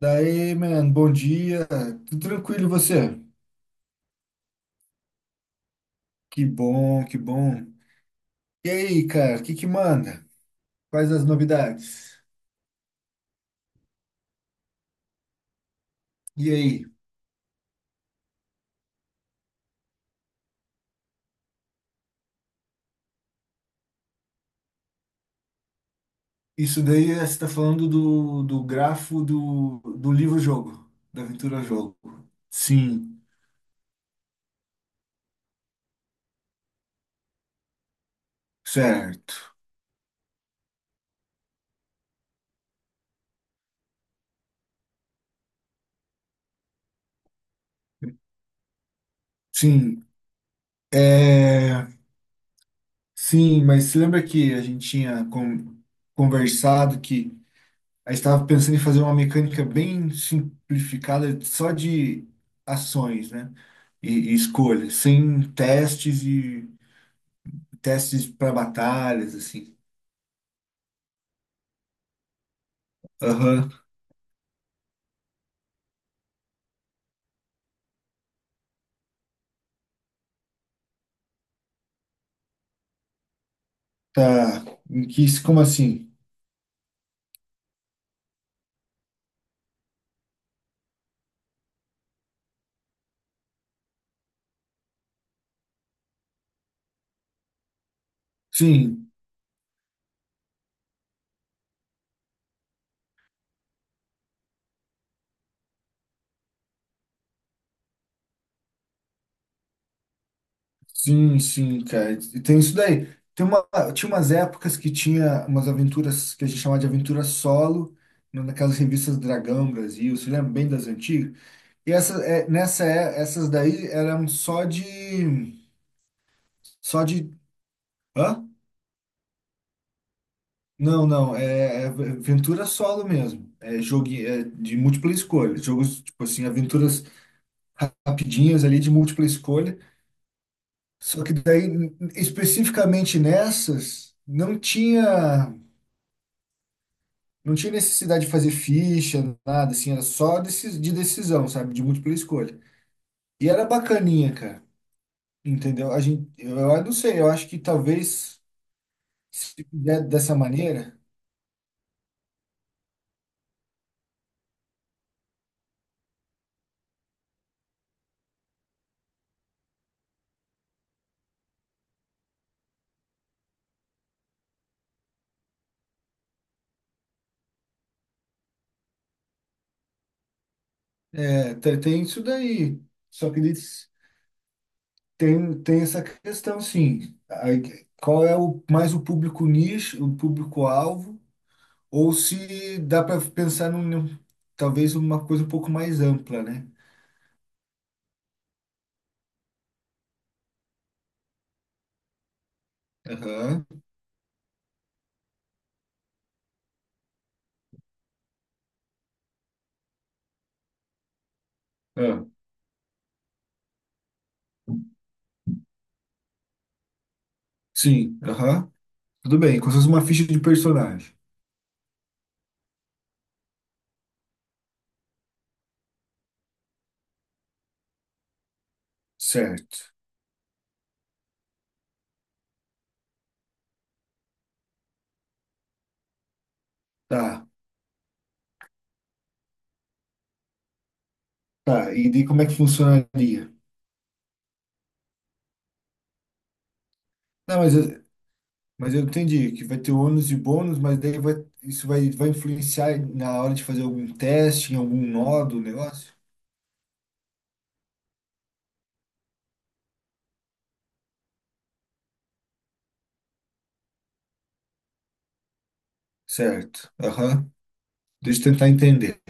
Daí, mano, bom dia. Tudo tranquilo, e você? Que bom, que bom. E aí, cara, o que que manda? Quais as novidades? E aí? Isso daí você está falando do grafo do livro-jogo, da aventura-jogo. Sim, certo. Sim, é... Sim, mas você lembra que a gente tinha conversado que a gente estava pensando em fazer uma mecânica bem simplificada, só de ações, né? E escolhas, sem testes e testes para batalhas, assim. Aham, tá. Em que, como assim? Sim, sim, sim, cara. E tem isso daí. Tem uma, Tinha umas épocas que tinha umas aventuras que a gente chamava de aventura solo, né, naquelas revistas Dragão Brasil, você lembra bem das antigas? E essa, nessa, essas daí eram só de Hã? Não, não, é, aventura solo mesmo. É jogo é de múltipla escolha. Jogos, tipo assim, aventuras rapidinhas ali de múltipla escolha. Só que daí, especificamente nessas, não tinha necessidade de fazer ficha, nada, assim, era de decisão, sabe? De múltipla escolha. E era bacaninha, cara. Entendeu? A gente, eu não sei, eu acho que talvez, se fizer dessa maneira, tem isso daí. Só que eles. Tem essa questão, sim. Aí, qual é mais o público nicho, o público-alvo, ou se dá para pensar talvez uma coisa um pouco mais ampla, né? Aham. Ah, sim, aham. Tudo bem, como se fosse uma ficha de personagem. Certo. Tá, tá. E daí como é que funcionaria? Não, mas eu entendi que vai ter ônus e bônus, isso vai influenciar na hora de fazer algum teste, em algum nó do negócio? Certo. Aham. Deixa eu tentar entender.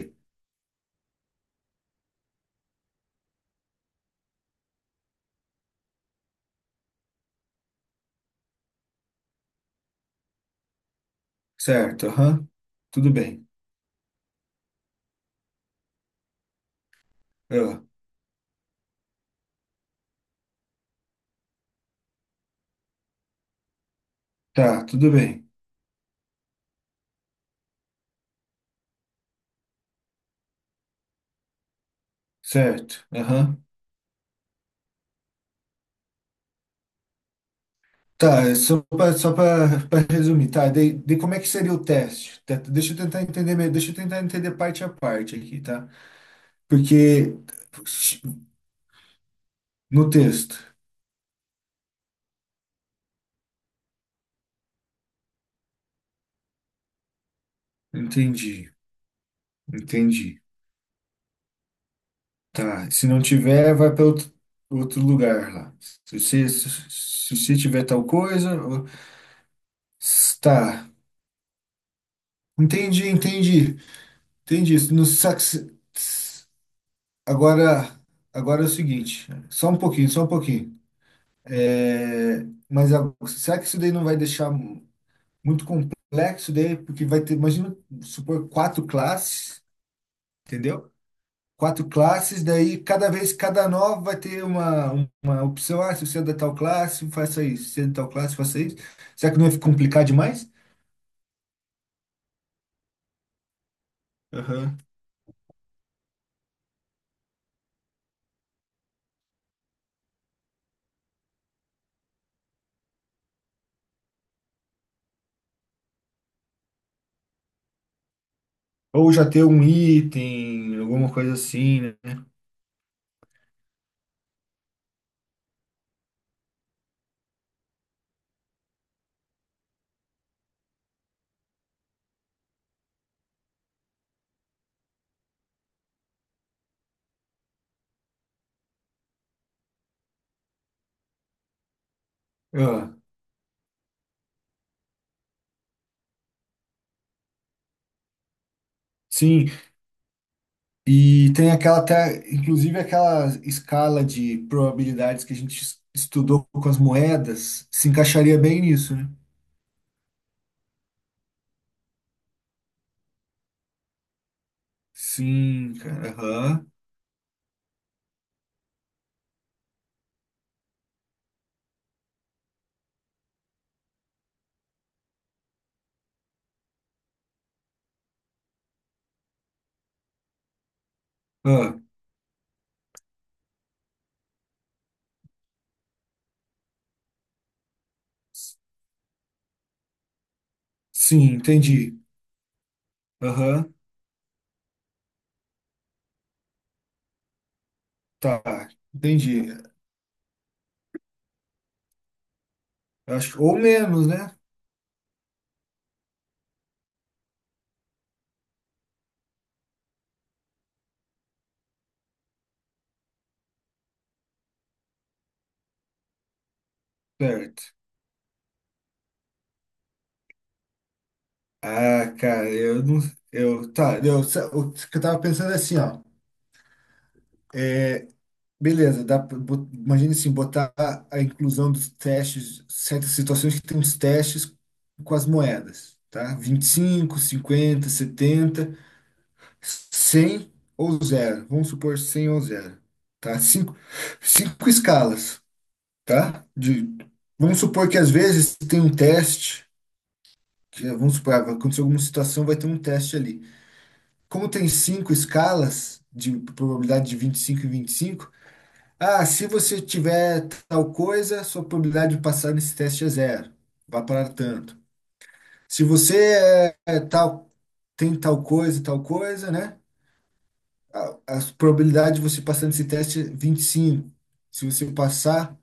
Certo, aham. Tudo bem. Ah, tá, tudo bem. Certo, aham. Tá, é só para resumir, tá? De como é que seria o teste? Tá, deixa eu tentar entender parte a parte aqui, tá? Porque no texto, entendi, entendi. Tá, se não tiver, vai para outro lugar lá. Se você se tiver tal coisa, ó, tá. Entendi, entendi. Entendi. No sax... Agora, agora, é o seguinte, só um pouquinho, só um pouquinho. É, mas será que isso daí não vai deixar muito complexo daí? Porque vai ter, imagina, supor, quatro classes, entendeu? Quatro classes, daí cada vez, cada nova vai ter uma opção. Ah, se você é da tal classe, faça isso. Se você é da tal classe, faça isso. Será que não vai complicar demais? Aham. Ou já ter um item, alguma coisa assim, né? Ah, sim, E tem aquela até, inclusive aquela escala de probabilidades que a gente estudou com as moedas, se encaixaria bem nisso, né? Sim, cara. Aham. Ah, sim, entendi. Aham. Tá, entendi. Acho, ou menos, né? Certo. Ah, cara, eu não. Eu, tá, eu, o que eu tava pensando é assim, ó. Beleza, imagine assim, botar a inclusão dos testes, certas situações que tem os testes com as moedas, tá? 25, 50, 70, 100 ou zero. Vamos supor 100 ou zero, tá? Cinco escalas, tá? Vamos supor que às vezes tem um teste, que, vamos supor, ah, vai acontecer alguma situação, vai ter um teste ali. Como tem cinco escalas de probabilidade de 25 e 25. Ah, se você tiver tal coisa, sua probabilidade de passar nesse teste é zero. Vá para tanto. Se você é tal, tem tal coisa, né? a, a probabilidade de você passar nesse teste é 25. Se você passar,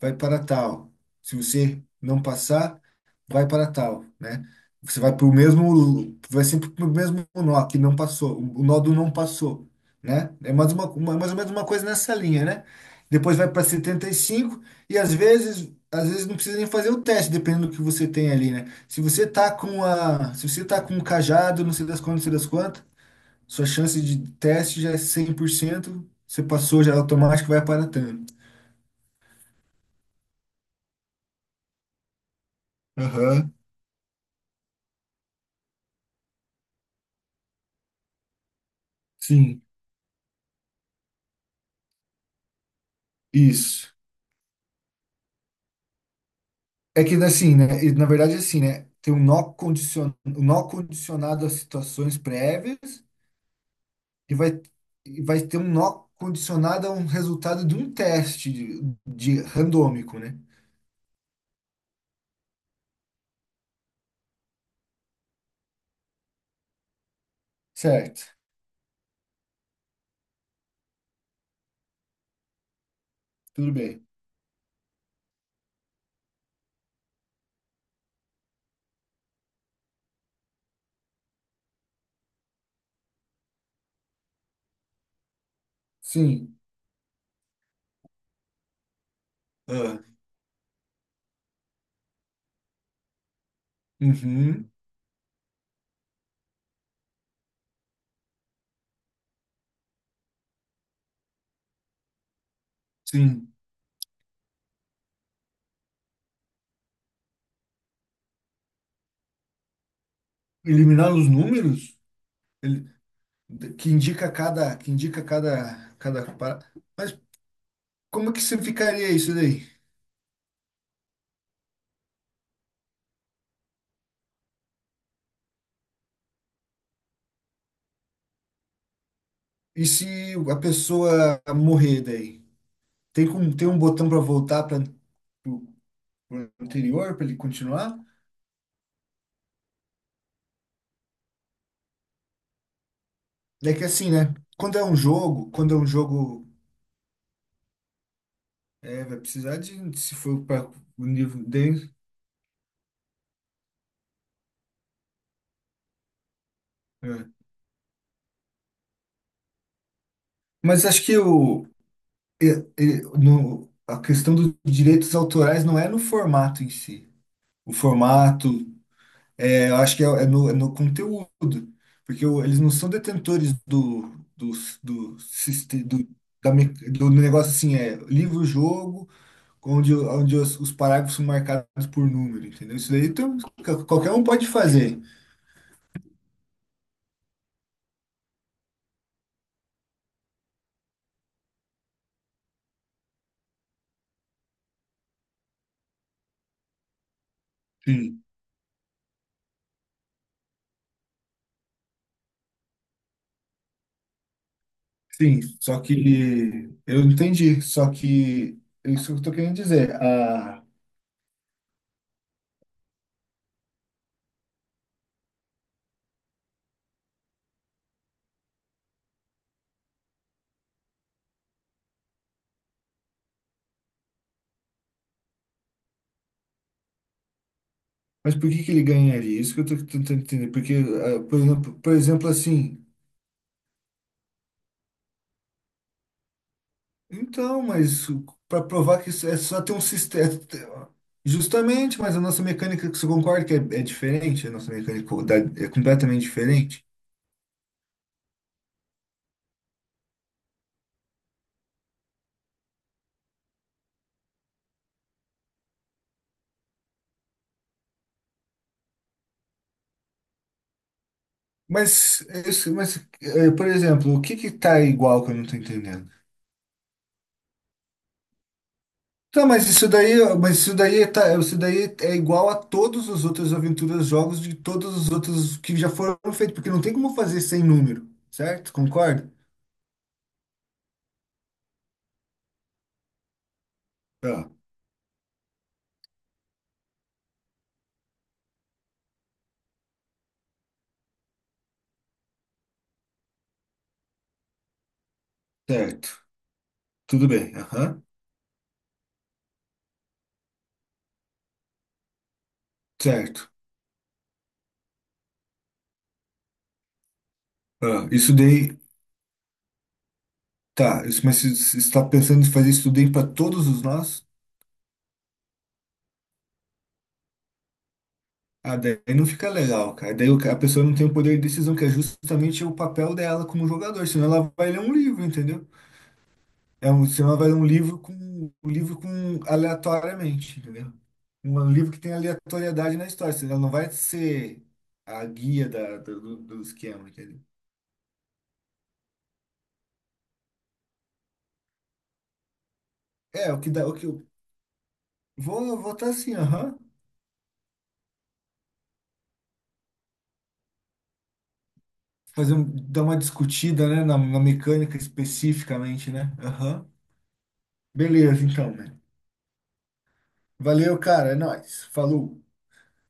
vai para tal. Se você não passar, vai para tal, né? Você vai para o mesmo, vai sempre para o mesmo nó que não passou, o nó do não passou, né? É mais mais ou menos uma coisa nessa linha, né? Depois vai para 75 e cinco e às vezes não precisa nem fazer o teste, dependendo do que você tem ali, né? Se você tá com a, se você tá com o cajado, não sei das quantas, não sei das quantas, sua chance de teste já é 100% você passou, já é automático, vai aparatando. Aham, sim, isso. É que assim, né? Na verdade, assim, né? Tem um nó condicionado a situações prévias e vai, e vai ter um nó condicionado a um resultado de um teste de randômico, né? Certo, tudo bem. Sim. Ah, uhum, sim. Eliminar os números? Que indica cada. Mas como que se ficaria isso daí? E se a pessoa morrer daí? Tem como tem um botão para voltar para o anterior para ele continuar? É que assim, né? Quando é um jogo, vai precisar de se for para o nível dele. É. Mas acho que o e- no, a questão dos direitos autorais não é no formato em si. O formato É, eu acho que é no conteúdo, porque eles não são detentores do, do, do, siste- do, da me- do negócio assim, é livro-jogo, onde os parágrafos são marcados por número, entendeu? Isso daí então, qualquer um pode fazer. Sim, sim, só que é isso que eu tô querendo dizer. Mas por que que ele ganharia? Isso que eu tô tentando entender. Porque, ah, por exemplo, assim. Então, mas para provar que isso é só ter um sistema. Justamente, mas a nossa mecânica, você concorda que é diferente? A nossa mecânica é completamente diferente? Mas é, por exemplo, o que que tá igual que eu não tô entendendo? Tá, mas isso daí é igual a todas as outras aventuras, jogos de todos os outros que já foram feitos, porque não tem como fazer sem número, certo? Concorda? Ah, certo. Tudo bem. Aham. Certo. Ah, isso daí. Tá, mas se está pensando em fazer isso daí para todos os nós, ah, daí não fica legal, cara. Daí a pessoa não tem o poder de decisão, que é justamente o papel dela como jogador, senão ela vai ler um livro, entendeu? Senão ela vai ler um livro com um livro com aleatoriamente, entendeu? Um livro que tem aleatoriedade na história, senão ela não vai ser a guia do esquema, entendeu? É, o que eu vou votar assim, aham. Fazer um, dar uma discutida, né, na mecânica especificamente, né? Aham. Beleza, então, mano. Valeu, cara. É nóis. Falou.